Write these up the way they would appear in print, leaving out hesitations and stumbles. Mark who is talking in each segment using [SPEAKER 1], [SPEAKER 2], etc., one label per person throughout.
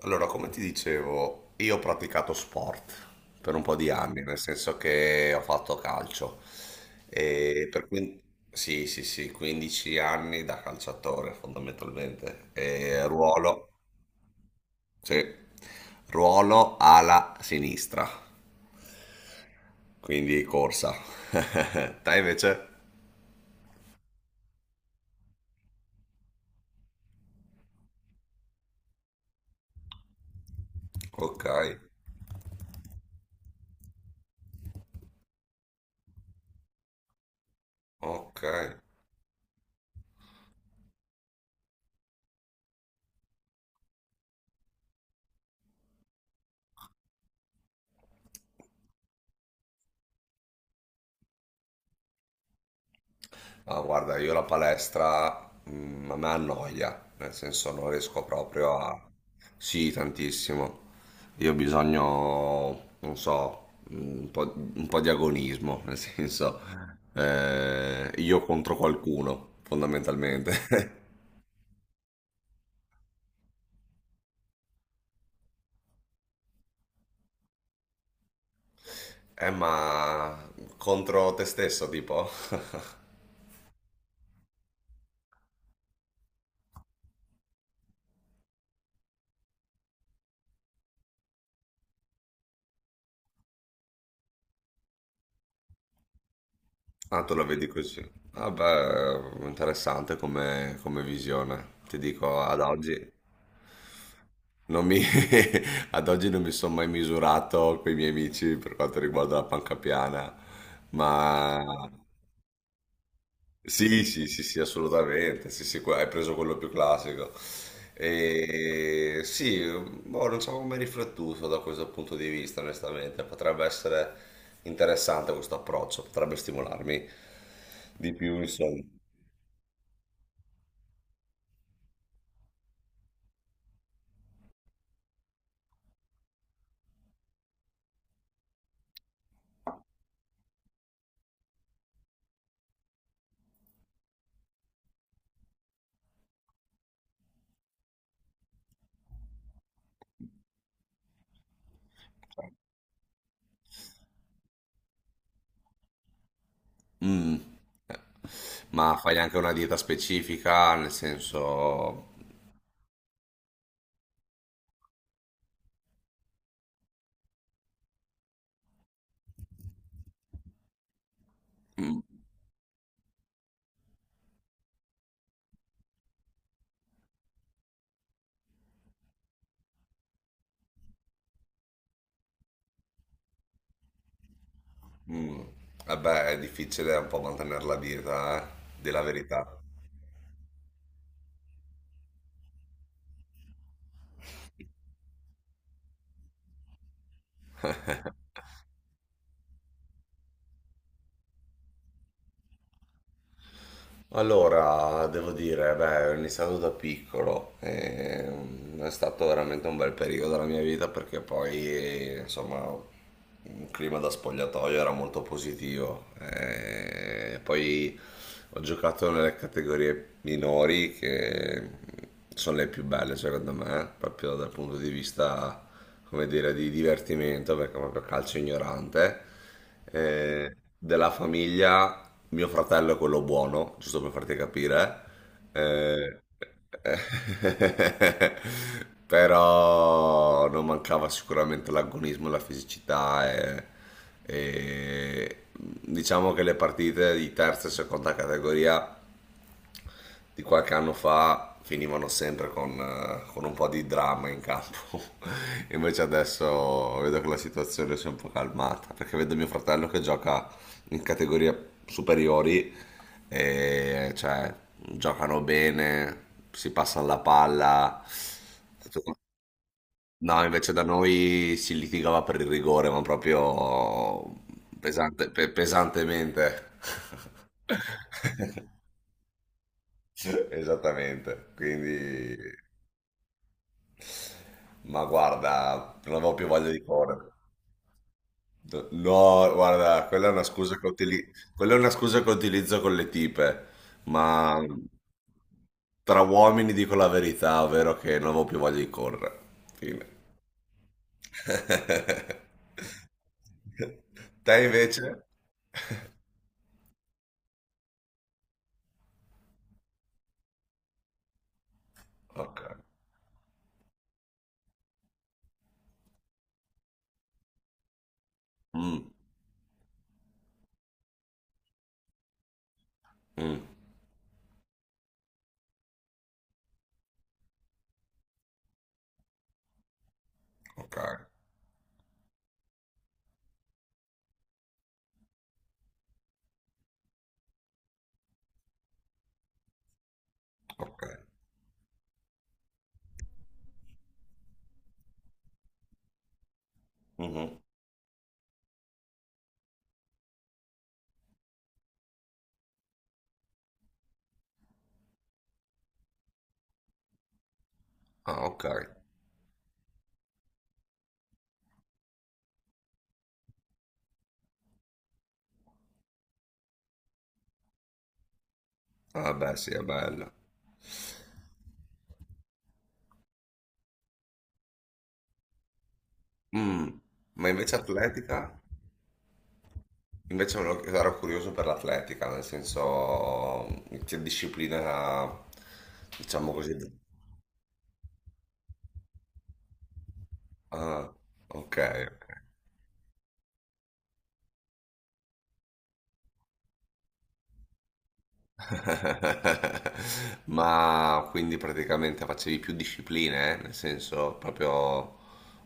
[SPEAKER 1] Allora, come ti dicevo, io ho praticato sport per un po' di anni, nel senso che ho fatto calcio. E per quin- sì, sì, sì, 15 anni da calciatore fondamentalmente. E ruolo, sì, ruolo ala sinistra, quindi corsa. Te invece? Ok, ok. Ah, guarda, io la palestra a me annoia, nel senso non riesco proprio a... Sì, tantissimo. Io ho bisogno, non so, un po' di agonismo, nel senso io contro qualcuno, fondamentalmente. Ma contro te stesso, tipo? Ah, tu la vedi così. Vabbè, interessante come visione. Ti dico, ad oggi non mi, ad oggi non mi sono mai misurato con i miei amici per quanto riguarda la panca piana, ma sì, sì, sì, sì, assolutamente. Sì, sì, hai preso quello più classico. E sì, boh, non so come riflettuto da questo punto di vista, onestamente. Potrebbe essere interessante questo approccio, potrebbe stimolarmi di più, insomma. Mm. Eh. Ma fai anche una dieta specifica, nel senso... Mm. Mm. Eh beh, è difficile un po' mantenere la dieta, della verità. Allora, devo dire, beh, ho iniziato da piccolo, e, è stato veramente un bel periodo della mia vita perché poi, insomma, un clima da spogliatoio era molto positivo. E poi ho giocato nelle categorie minori che sono le più belle secondo me, proprio dal punto di vista, come dire, di divertimento, perché è proprio calcio ignorante. Della famiglia mio fratello è quello buono, giusto per farti capire. Eh, eh, però non mancava sicuramente l'agonismo, la fisicità e diciamo che le partite di terza e seconda categoria di qualche anno fa finivano sempre con un po' di dramma in campo. Invece adesso vedo che la situazione si è un po' calmata, perché vedo mio fratello che gioca in categorie superiori e cioè giocano bene, si passa la palla. No, invece da noi si litigava per il rigore, ma proprio pesantemente. Esattamente, quindi, ma guarda, non avevo più voglia di correre. No, guarda, quella è una scusa che utilizzo con le tipe, ma tra uomini dico la verità, ovvero che non avevo più voglia di correre. Fine. Te invece? Ok. Mm, mm, ok, ok. Mhm. Ah, ok. Ah, beh, sì, è bello. Mm, ma invece atletica? Invece ero curioso per l'atletica, nel senso che disciplina, diciamo così. Ah, ok, ok. Ma quindi praticamente facevi più discipline, eh? Nel senso proprio...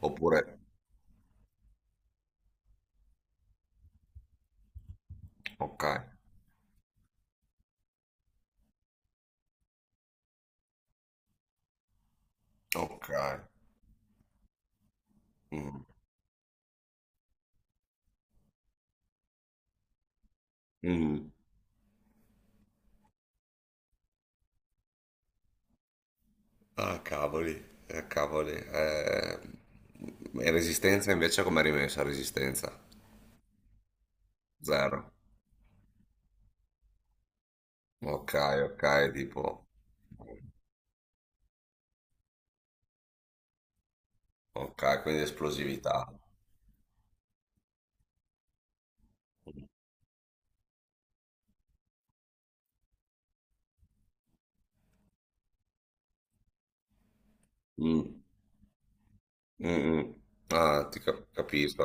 [SPEAKER 1] Oppure... Ok, ok. Mm, mm. Ah, cavoli, ah, cavoli. E resistenza invece come rimessa? Resistenza? Zero. Ok, ok, tipo, ok, quindi esplosività. Mm, mm, mm. Ah, ti capisco.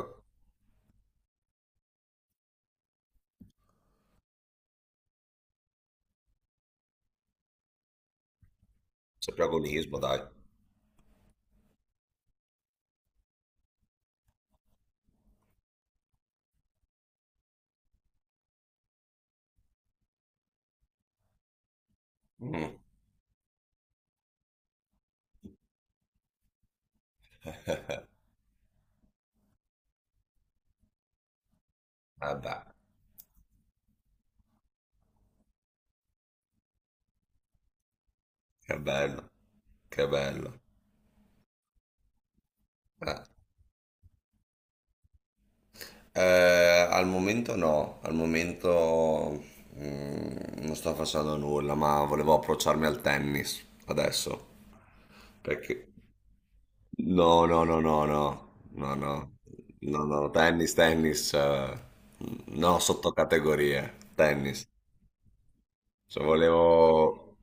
[SPEAKER 1] C'è più agonismo, dai. Mm. Ah, dai, che bello, che bello. Eh, al momento no, al momento non sto facendo nulla, ma volevo approcciarmi al tennis adesso. Perché? No, no, no, no, no, no, no, no, no, tennis, tennis, no, sottocategorie, tennis. Cioè, volevo...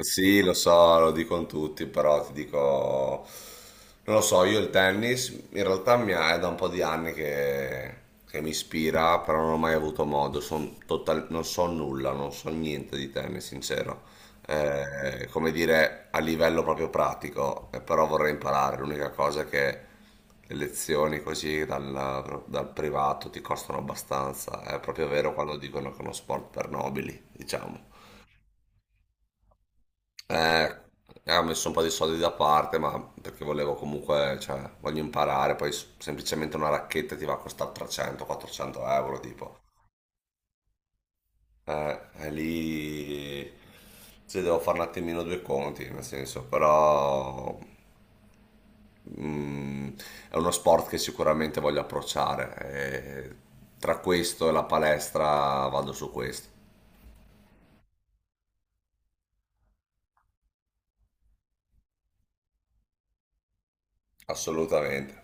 [SPEAKER 1] Sì, lo so, lo dicono tutti, però ti dico... Non lo so, io il tennis in realtà è da un po' di anni che, mi ispira, però non ho mai avuto modo, non so nulla, non so niente di tennis, sincero. Come dire, a livello proprio pratico, però vorrei imparare. L'unica cosa è che le lezioni così dal privato ti costano abbastanza. È proprio vero quando dicono che è uno sport per nobili, diciamo. Eh, ho messo un po' di soldi da parte, ma perché volevo comunque, cioè, voglio imparare, poi semplicemente una racchetta ti va a costare 300-400 euro, tipo. E lì, cioè, devo fare un attimino due conti, nel senso, però mm, è uno sport che sicuramente voglio approcciare. E tra questo e la palestra vado su questo, assolutamente.